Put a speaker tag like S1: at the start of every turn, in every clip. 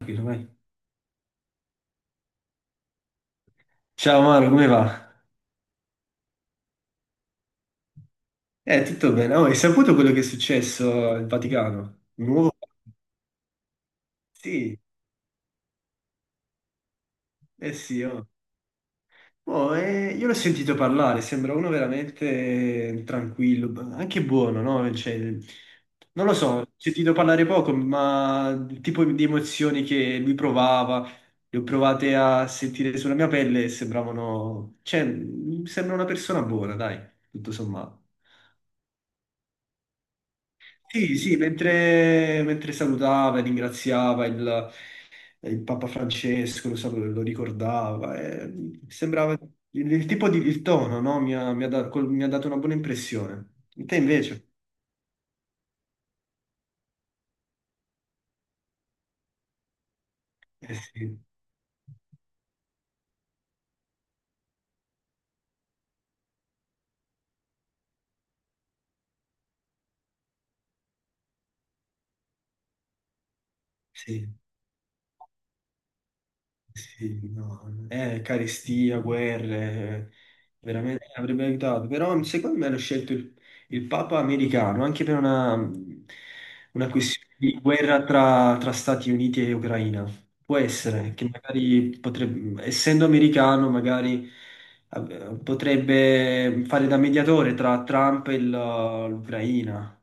S1: Tranquillo, vai. Ciao Maro, come va? Tutto bene. Oh, hai saputo quello che è successo al Vaticano? Il Nuovo? Sì, eh sì, oh. Oh, io l'ho sentito parlare, sembra uno veramente tranquillo, anche buono, no? Cioè, non lo so, ho sentito parlare poco, ma il tipo di emozioni che lui provava, le ho provate a sentire sulla mia pelle e sembravano... Cioè, mi sembra una persona buona, dai, tutto sommato. Sì, sì, mentre salutava e ringraziava il Papa Francesco, lo ricordava, e sembrava il tipo di il tono, no? Mi ha dato una buona impressione. Te invece? Eh sì, sì. Sì, no, carestia, guerre, veramente avrebbe aiutato. Però secondo me hanno scelto il Papa americano anche per una questione di guerra tra Stati Uniti e Ucraina. Può essere che magari potrebbe, essendo americano, magari potrebbe fare da mediatore tra Trump e l'Ucraina.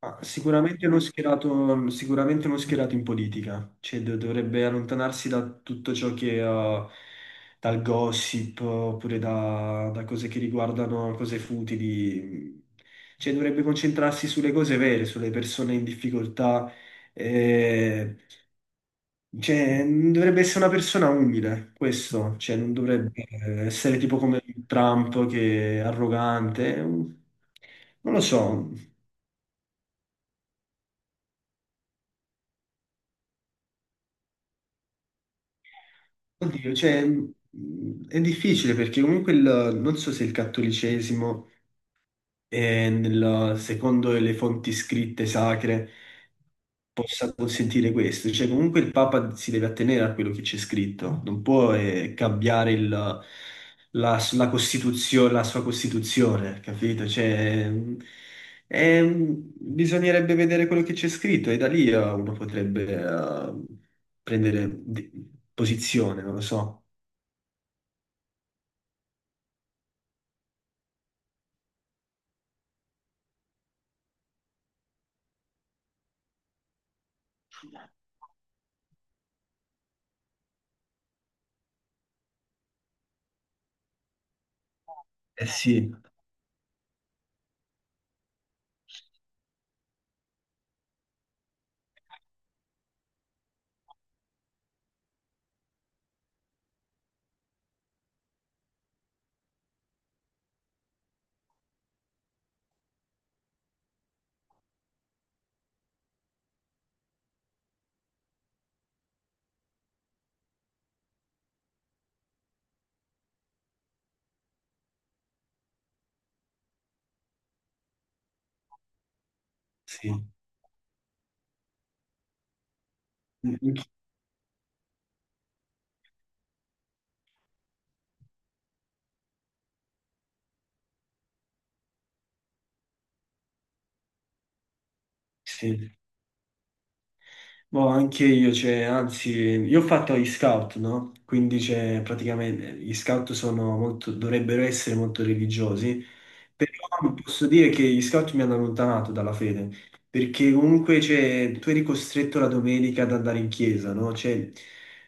S1: Ah, sicuramente non schierato, sicuramente non schierato in politica, cioè dovrebbe allontanarsi da tutto ciò che dal gossip oppure da cose che riguardano cose futili, cioè dovrebbe concentrarsi sulle cose vere, sulle persone in difficoltà, eh, cioè, dovrebbe essere una persona umile, questo, cioè non dovrebbe essere tipo come Trump che è arrogante, non lo so. Oddio, cioè, è difficile perché comunque non so se il cattolicesimo è, secondo le fonti scritte sacre, possa consentire questo. Cioè, comunque il Papa si deve attenere a quello che c'è scritto, non può cambiare la sua Costituzione, capito? Cioè, bisognerebbe vedere quello che c'è scritto e da lì uno potrebbe prendere posizione, non lo so. Eh sì, sì. Mm, mm, sì. Boh, anche io, cioè, anzi, io ho fatto gli scout, no? Quindi, cioè, praticamente gli scout sono molto, dovrebbero essere molto religiosi, però posso dire che gli scout mi hanno allontanato dalla fede, perché comunque, cioè, tu eri costretto la domenica ad andare in chiesa, no? Cioè,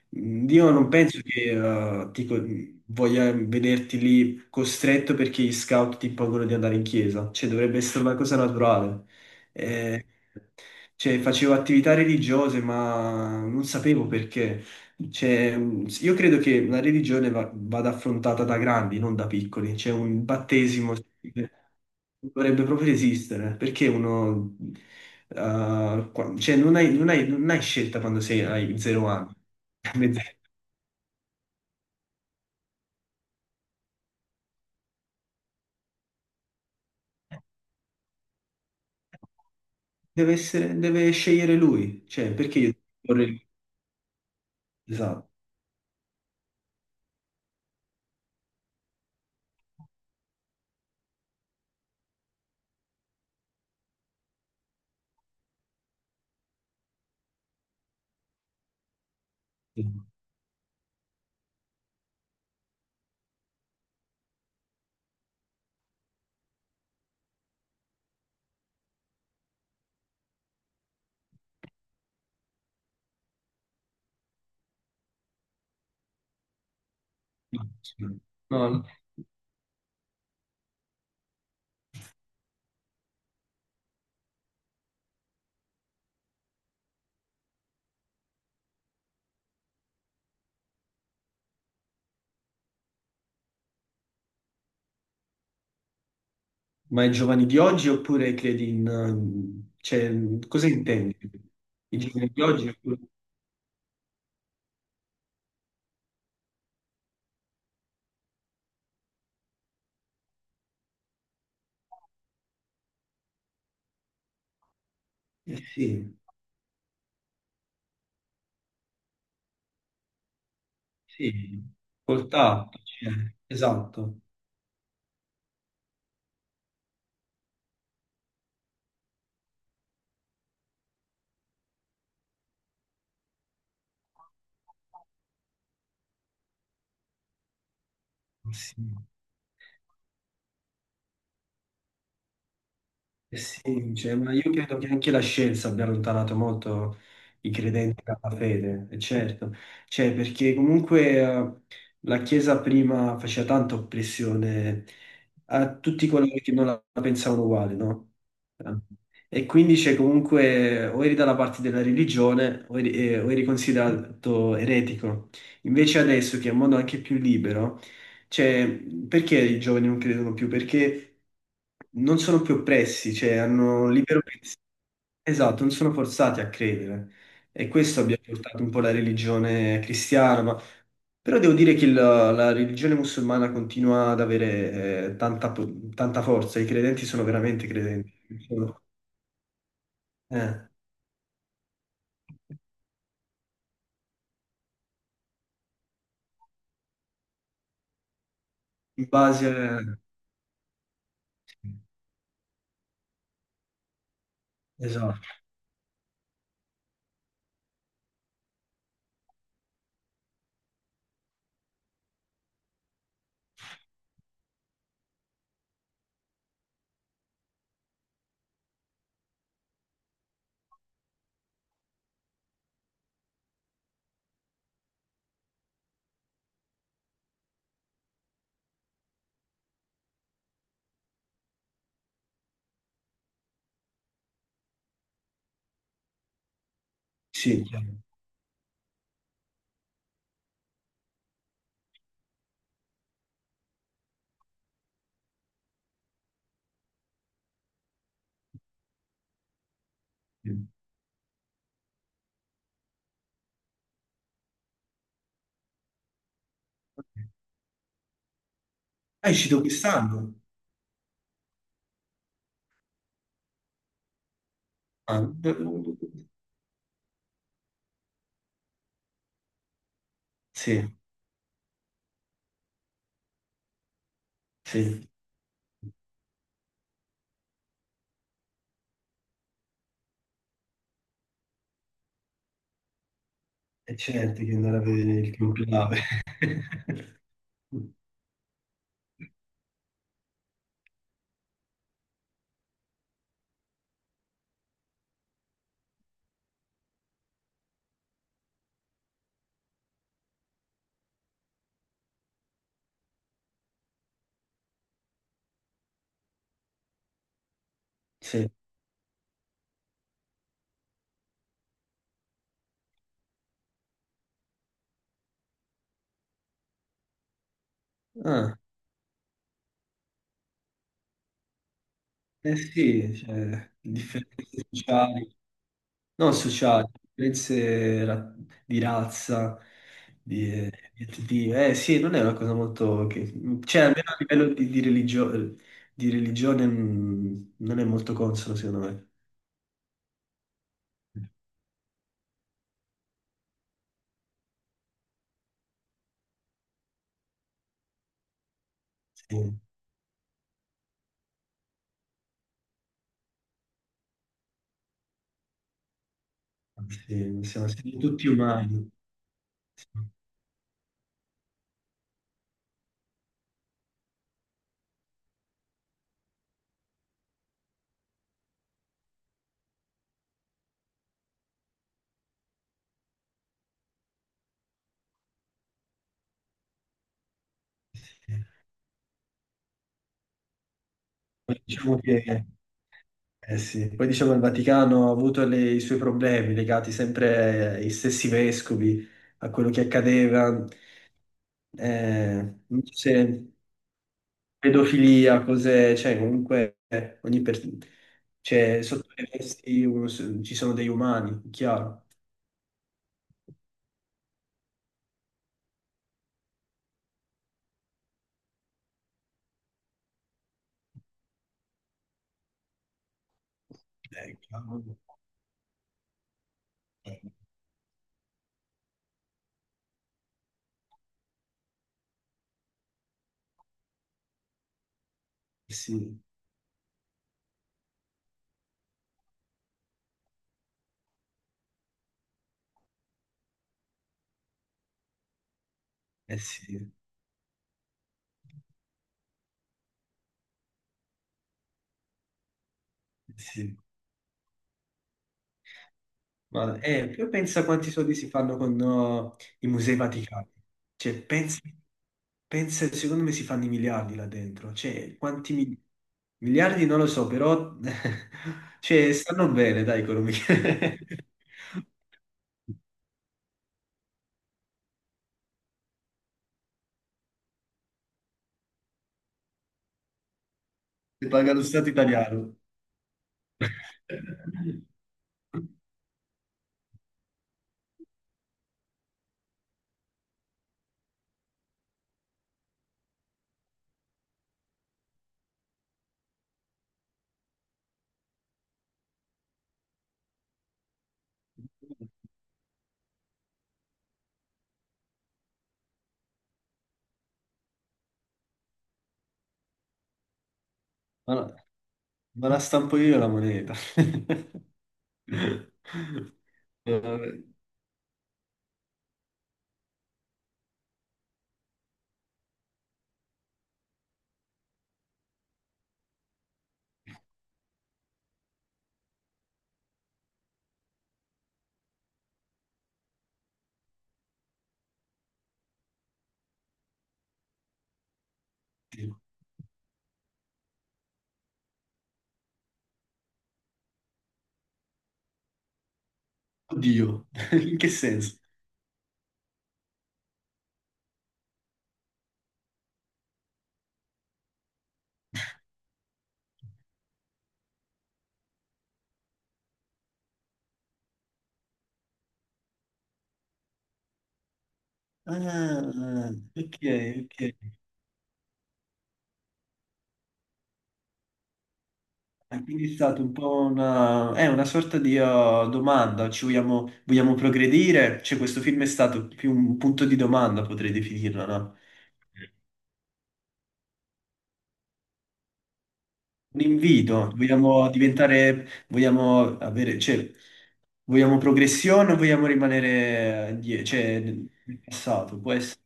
S1: Dio non penso che voglia vederti lì costretto perché gli scout ti impongono di andare in chiesa, cioè, dovrebbe essere una cosa naturale. Eh, cioè, facevo attività religiose, ma non sapevo perché. Cioè, io credo che la religione vada affrontata da grandi, non da piccoli. C'è un battesimo che dovrebbe proprio esistere, perché uno... cioè, non hai scelta quando sei, hai 0 anni. Deve essere, deve scegliere lui. Cioè, perché io... Esatto. No, no. Ma i giovani di oggi oppure credi in... cioè, cosa intendi? I giovani di oggi oppure... sì, sì, col tatto, cioè, esatto. Sì. Eh sì, cioè, ma io credo che anche la scienza abbia allontanato molto i credenti dalla fede, e certo, cioè, perché comunque la Chiesa prima faceva tanta oppressione a tutti coloro che non la pensavano uguale, no? E quindi c'è comunque o eri dalla parte della religione o eri considerato eretico. Invece adesso che è un mondo anche più libero, cioè, perché i giovani non credono più? Perché non sono più oppressi, cioè hanno libero pensiero. Esatto, non sono forzati a credere. E questo abbia portato un po' la religione cristiana, ma... Però devo dire che la religione musulmana continua ad avere tanta, tanta forza, i credenti sono veramente credenti. Sono- eh, in base... Esatto, sì. Chiaro. Sì. Ah, è uscito quest'anno? Ah, sì, sì. E certo che andare a vedere il conclave. Sì. Ah, eh sì, cioè, differenze sociali. Non sociali, differenze di razza, di, eh, di etnie. Eh sì, non è una cosa molto... Che, cioè, almeno a livello di religione, non è molto consono, secondo me. Sì, sì, siamo, siamo tutti umani. Sì. Poi diciamo che... eh sì, poi diciamo che il Vaticano ha avuto i suoi problemi legati sempre ai stessi vescovi, a quello che accadeva. Non so se pedofilia, cose, cioè comunque ogni per... cioè, sotto le vesti ci sono degli umani, chiaro. Chiaro. Eh, eh sì, eh sì, eh sì. Ma più pensa quanti soldi si fanno con no, i musei vaticani. Cioè, pensa, pensa, secondo me si fanno i miliardi là dentro. Cioè, miliardi non lo so, però cioè, stanno bene, dai, economia. Le paga lo Stato italiano. Eh, Ma la, ma la stampo io la moneta. Vabbè. Oddio, in che senso? Ah, ok, ok. E quindi è stata un po' è una sorta di domanda, vogliamo progredire? Cioè, questo film è stato più un punto di domanda, potrei definirlo, no? Un invito, vogliamo diventare, vogliamo avere, cioè, vogliamo progressione o vogliamo rimanere cioè, nel passato? Può essere,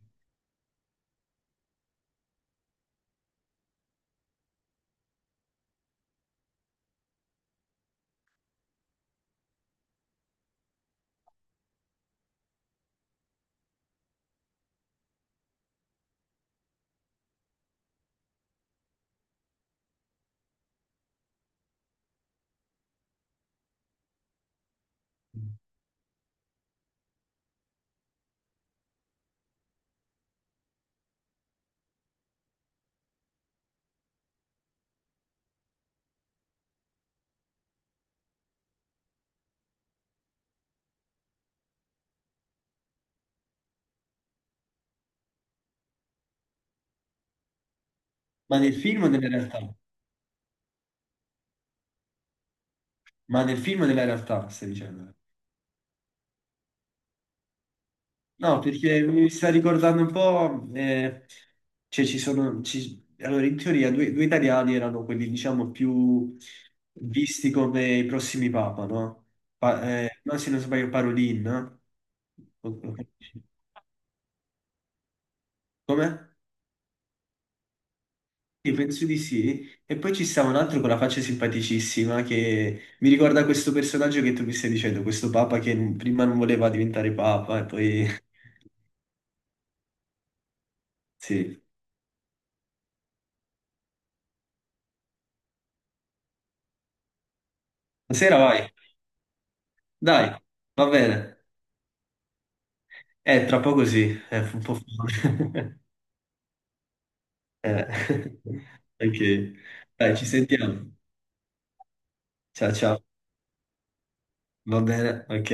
S1: ma nel film o nella realtà? Ma nel film o nella realtà, stai dicendo? No, perché mi sta ricordando un po', cioè allora in teoria due italiani erano quelli diciamo più visti come i prossimi papa, no? No, se non sbaglio Parolin, no? Come? Sì, penso di sì. E poi ci sta un altro con la faccia simpaticissima che mi ricorda questo personaggio che tu mi stai dicendo, questo papa che prima non voleva diventare papa e poi... Sì. Buonasera, vai. Dai, va bene. È troppo così, è un po' folle. Eh, Ok, dai, ci sentiamo. Ciao ciao, va bene, ok.